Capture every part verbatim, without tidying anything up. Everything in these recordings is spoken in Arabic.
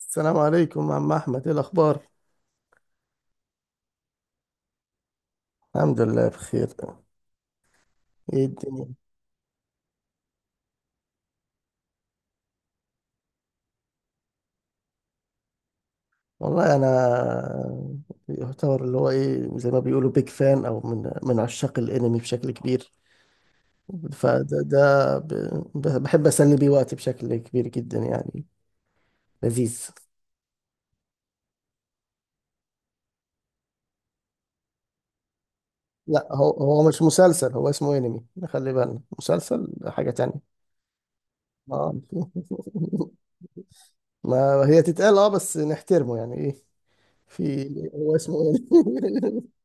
السلام عليكم عم أحمد، إيه الأخبار؟ الحمد لله بخير. إيه الدنيا؟ والله أنا يعتبر اللي هو إيه زي ما بيقولوا بيج فان أو من من عشاق الأنمي بشكل كبير. فده ده ب- ب- بحب أسلي بيه وقتي بشكل كبير جدا يعني. لذيذ. لا، هو هو مش مسلسل، هو اسمه أنمي، خلي بالنا مسلسل حاجة تانية. آه. ما هي تتقال آه بس نحترمه يعني إيه. في. هو اسمه أنمي.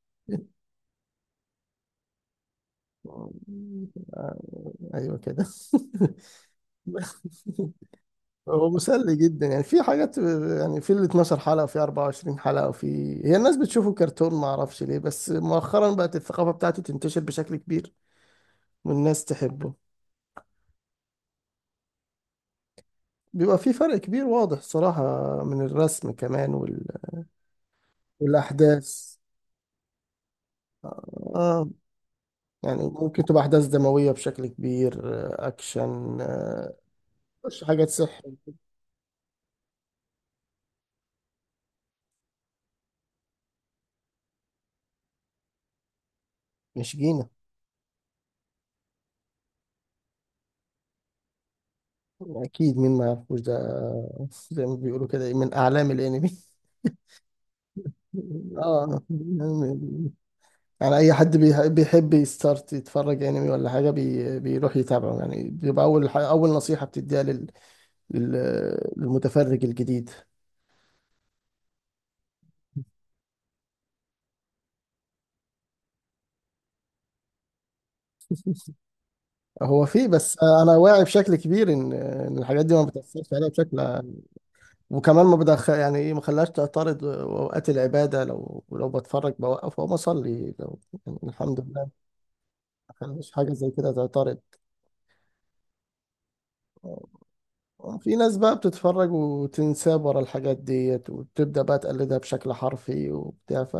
آه، ايوه كده. هو مسلي جدا يعني في حاجات، يعني في ال اتناشر حلقة وفي اربعة وعشرين حلقة وفي. هي الناس بتشوفه كرتون، ما اعرفش ليه، بس مؤخرا بقت الثقافة بتاعته تنتشر بشكل كبير والناس تحبه. بيبقى في فرق كبير واضح صراحة، من الرسم كمان وال... والأحداث. آه. آه، يعني ممكن تبقى أحداث دموية بشكل كبير، آه، أكشن آه، مش حاجات سحر. مش جيني. اكيد مين ما يعرفوش ده، زي ما بيقولوا كده إيه، من اعلام الانمي. اه. يعني يعني اي حد بيح- بيحب يستارت يتفرج انمي ولا حاجه بي... بيروح يتابعه، يعني بيبقى اول ح... اول نصيحه بتديها لل... لل... للمتفرج الجديد. هو فيه بس. انا واعي بشكل كبير ان ان الحاجات دي ما بتاثرش عليا بشكل. وكمان ما بدخل يعني ايه، ما خلاش تعترض اوقات العباده، لو لو بتفرج بوقف او بصلي لو. يعني الحمد لله، ما خلاش حاجه زي كده تعترض. في ناس بقى بتتفرج وتنساه ورا الحاجات ديت وتبدأ بقى تقلدها بشكل حرفي وبتاع ف.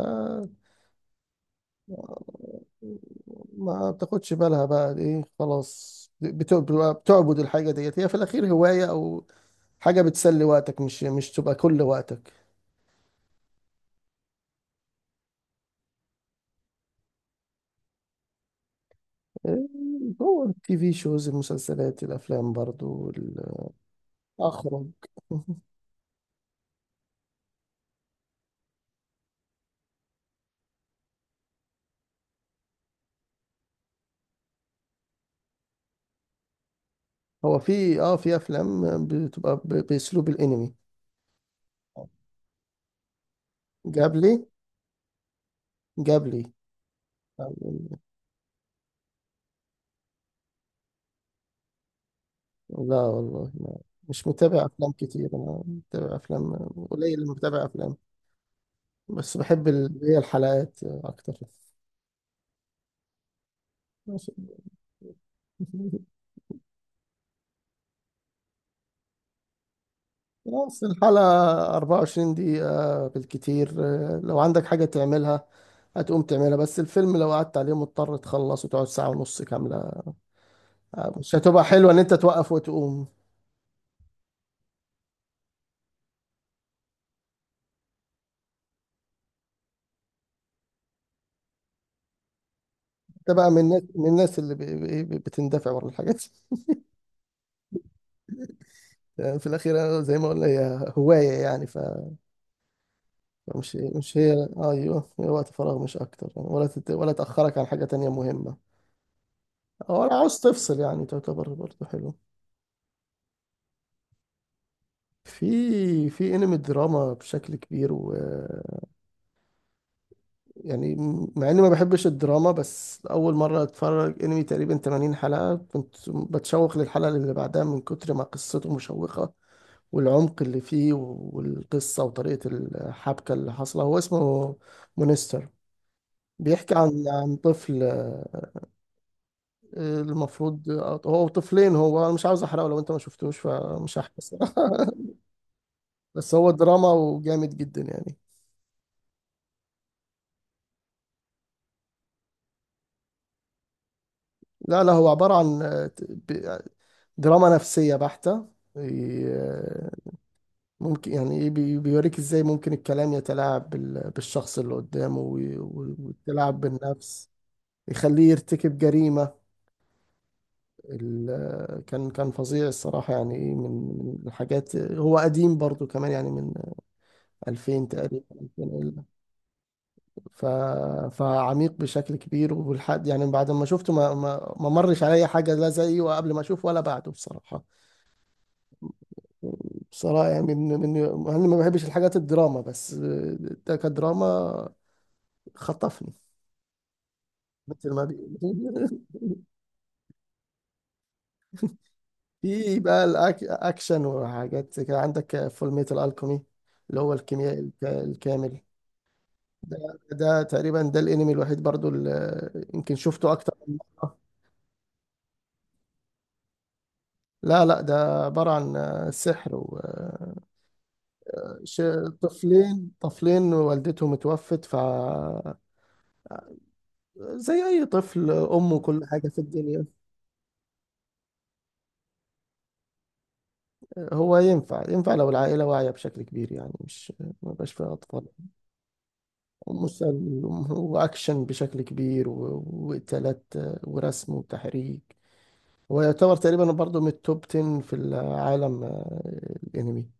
ما بتاخدش بالها بقى ايه، خلاص بت- بتبقى بتعبد الحاجة ديت، هي في الأخير هواية أو حاجة بتسلي وقتك، مش مش تبقى كل وقتك. إيه، هو التي في شوز المسلسلات الأفلام برضو ال- أخرج. هو في اه في أفلام بتبقى ب- بأسلوب الأنمي. جاب لي. جاب لي. لا والله ما. مش متابع افلام كتير، انا متابع افلام قليل اللي متابع افلام. بس بحب ال- هي الحلقات اكتر. ماشي. خلاص الحلقة اربعة وعشرين دقيقة بالكتير، لو عندك حاجة تعملها هتقوم تعملها. بس الفيلم لو قعدت عليه مضطر تخلص وتقعد ساعة ونص كاملة، مش هتبقى حلوة ان انت توقف وتقوم. انت بقى من الناس من الناس اللي ب- ب- بتندفع ورا الحاجات. في الاخير زي ما قلنا هي هواية يعني، مش مش هي، ايوه هي وقت فراغ مش اكتر يعني، ولا تت... ولا تاخرك عن حاجه تانية مهمه، ولا عاوز تفصل يعني، تعتبر برضه حلو. في في انمي دراما بشكل كبير و يعني، مع اني ما بحبش الدراما بس اول مره اتفرج انمي تقريبا تمانين حلقه، كنت بتشوق للحلقه اللي بعدها من كتر ما قصته مشوقه، والعمق اللي فيه والقصه وطريقه الحبكه اللي حاصله. هو اسمه مونستر. بيحكي عن عن طفل، المفروض هو طفلين. هو انا مش عاوز احرقه، لو انت ما شفتوش فمش هحكي الصراحة. بس هو دراما وجامد جدا يعني. لا لا، هو عبارة عن آه، ب- دراما نفسية بحتة. آه، ممكن يعني إيه بي- بيوريك ازاي ممكن الكلام يتلاعب بال- بالشخص اللي قدامه وي- و- والتلاعب بالنفس، يخليه يرتكب جريمة. ال- كان كان فظيع الصراحة يعني إيه، من من الحاجات. هو قديم برضو كمان، يعني من ألفين تقريبا. ف... فعميق بشكل كبير والحد، يعني بعد ما شفته ما ما ما مرش عليا حاجه لا زيه وقبل ما اشوفه ولا بعده بصراحه. بصراحه يعني من من. انا ما بحبش الحاجات الدراما بس ده كدراما خطفني. مثل ما بي... في بقى الاكشن وحاجات زي كده، عندك فول ميتال الكومي، اللي هو الكيمياء الك- الكامل. ده، ده تقريبا ده الانمي الوحيد برضو اللي يمكن شفته اكتر من مرة. لا لا، ده عبارة عن آه، سحر و آه، ش- طفلين طفلين والدته متوفت ف زي أي طفل أمه كل حاجة في الدنيا. هو ينفع ينفع لو العائلة واعية بشكل كبير، يعني مش ما بقاش فيها أطفال. مسلي وأكشن بشكل كبير و- وقتالات، آه، ورسم وتحريك. ويعتبر تقريبا برضه من التوب عشرة في العالم، آه، الأنمي.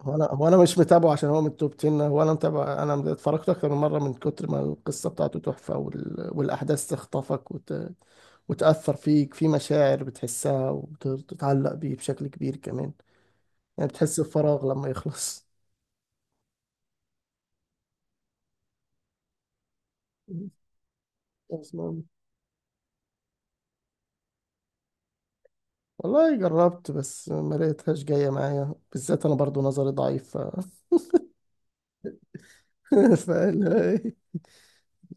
هو انا هو انا مش متابعه عشان هو من التوب عشرة، هو انا متابع، انا اتفرجت اكتر من مره من كتر ما القصه بتاعته تحفه وال... والاحداث تخطفك وت... وتاثر فيك في مشاعر بتحسها وتتعلق بيه بشكل كبير كمان، يعني بتحس بفراغ لما يخلص. أسمع. والله جربت بس ما لقيتهاش جايه معايا، بالذات انا برضو نظري ضعيف ف... ف...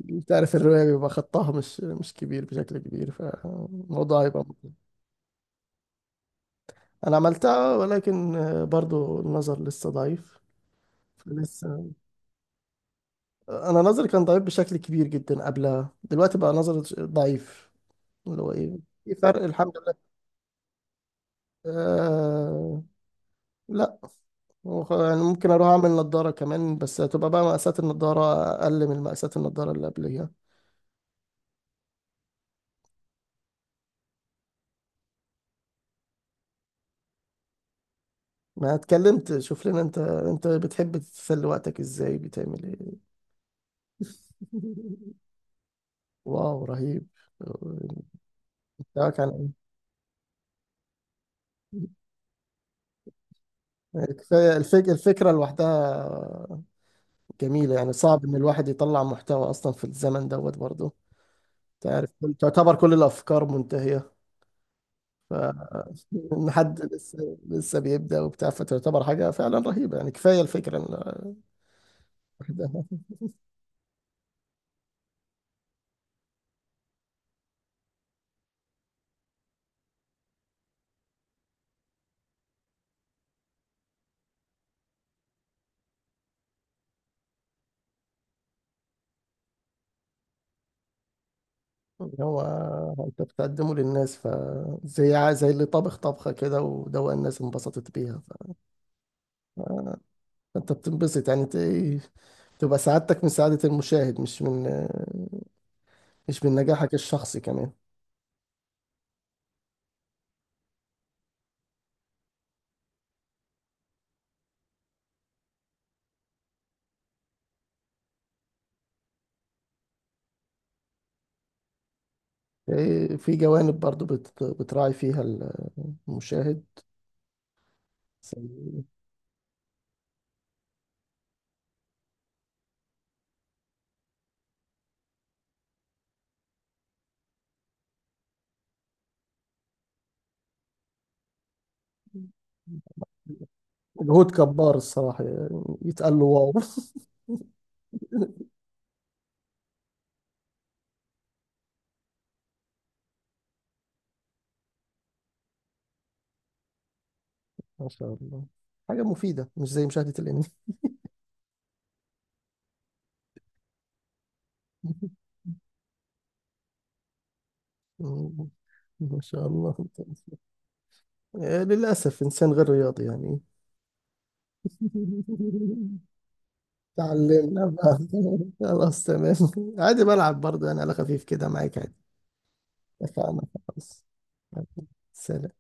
انت عارف الروايه بيبقى خطها مش مش كبير بشكل كبير، فالموضوع هيبقى. انا عملتها ولكن آه، برضو النظر لسه ضعيف. لسه انا نظري كان ضعيف بشكل كبير جدا قبلها، دلوقتي بقى نظري ضعيف اللي هو ايه، في فرق الحمد لله. آه. لا. هو خ- يعني ممكن اروح اعمل نضارة كمان، بس هتبقى بقى مقاسات النضارة اقل من مقاسات النضارة اللي قبليها. ما اتكلمت شوف لنا، انت انت بتحب تسلي وقتك ازاي، بتعمل ايه؟ واو رهيب. آه، بتاعك عن ايه. كفاية الفك... الفكرة لوحدها جميلة، يعني صعب إن الواحد يطلع محتوى أصلا في الزمن دوت برضه، تعرف كل- تعتبر كل الأفكار منتهية. إن حد لسه لسه بيبدأ وبتاع، فتعتبر حاجة فعلا رهيبة، يعني كفاية الفكرة إن وحدها. إن، هو، أنت بتقدمه للناس، فزي ع- زي اللي طبخ طبخة كده ودوق الناس انبسطت بيها، فأنت بتنبسط يعني ت- تبقى سعادتك من سعادة المشاهد، مش من مش من نجاحك الشخصي كمان. إيه، في جوانب برضو بت- بتراعي فيها المشاهد. مجهود كبار الصراحة، يعني يتقال له واو. ما شاء الله حاجة مفيدة، مش زي مشاهدة الأنمي. ما شاء الله. آه، للأسف إنسان غير رياضي يعني. تعلمنا بقى. خلاص تمام، عادي بلعب برضه يعني على خفيف كده معاك عادي. اتفقنا. خلاص. سلام.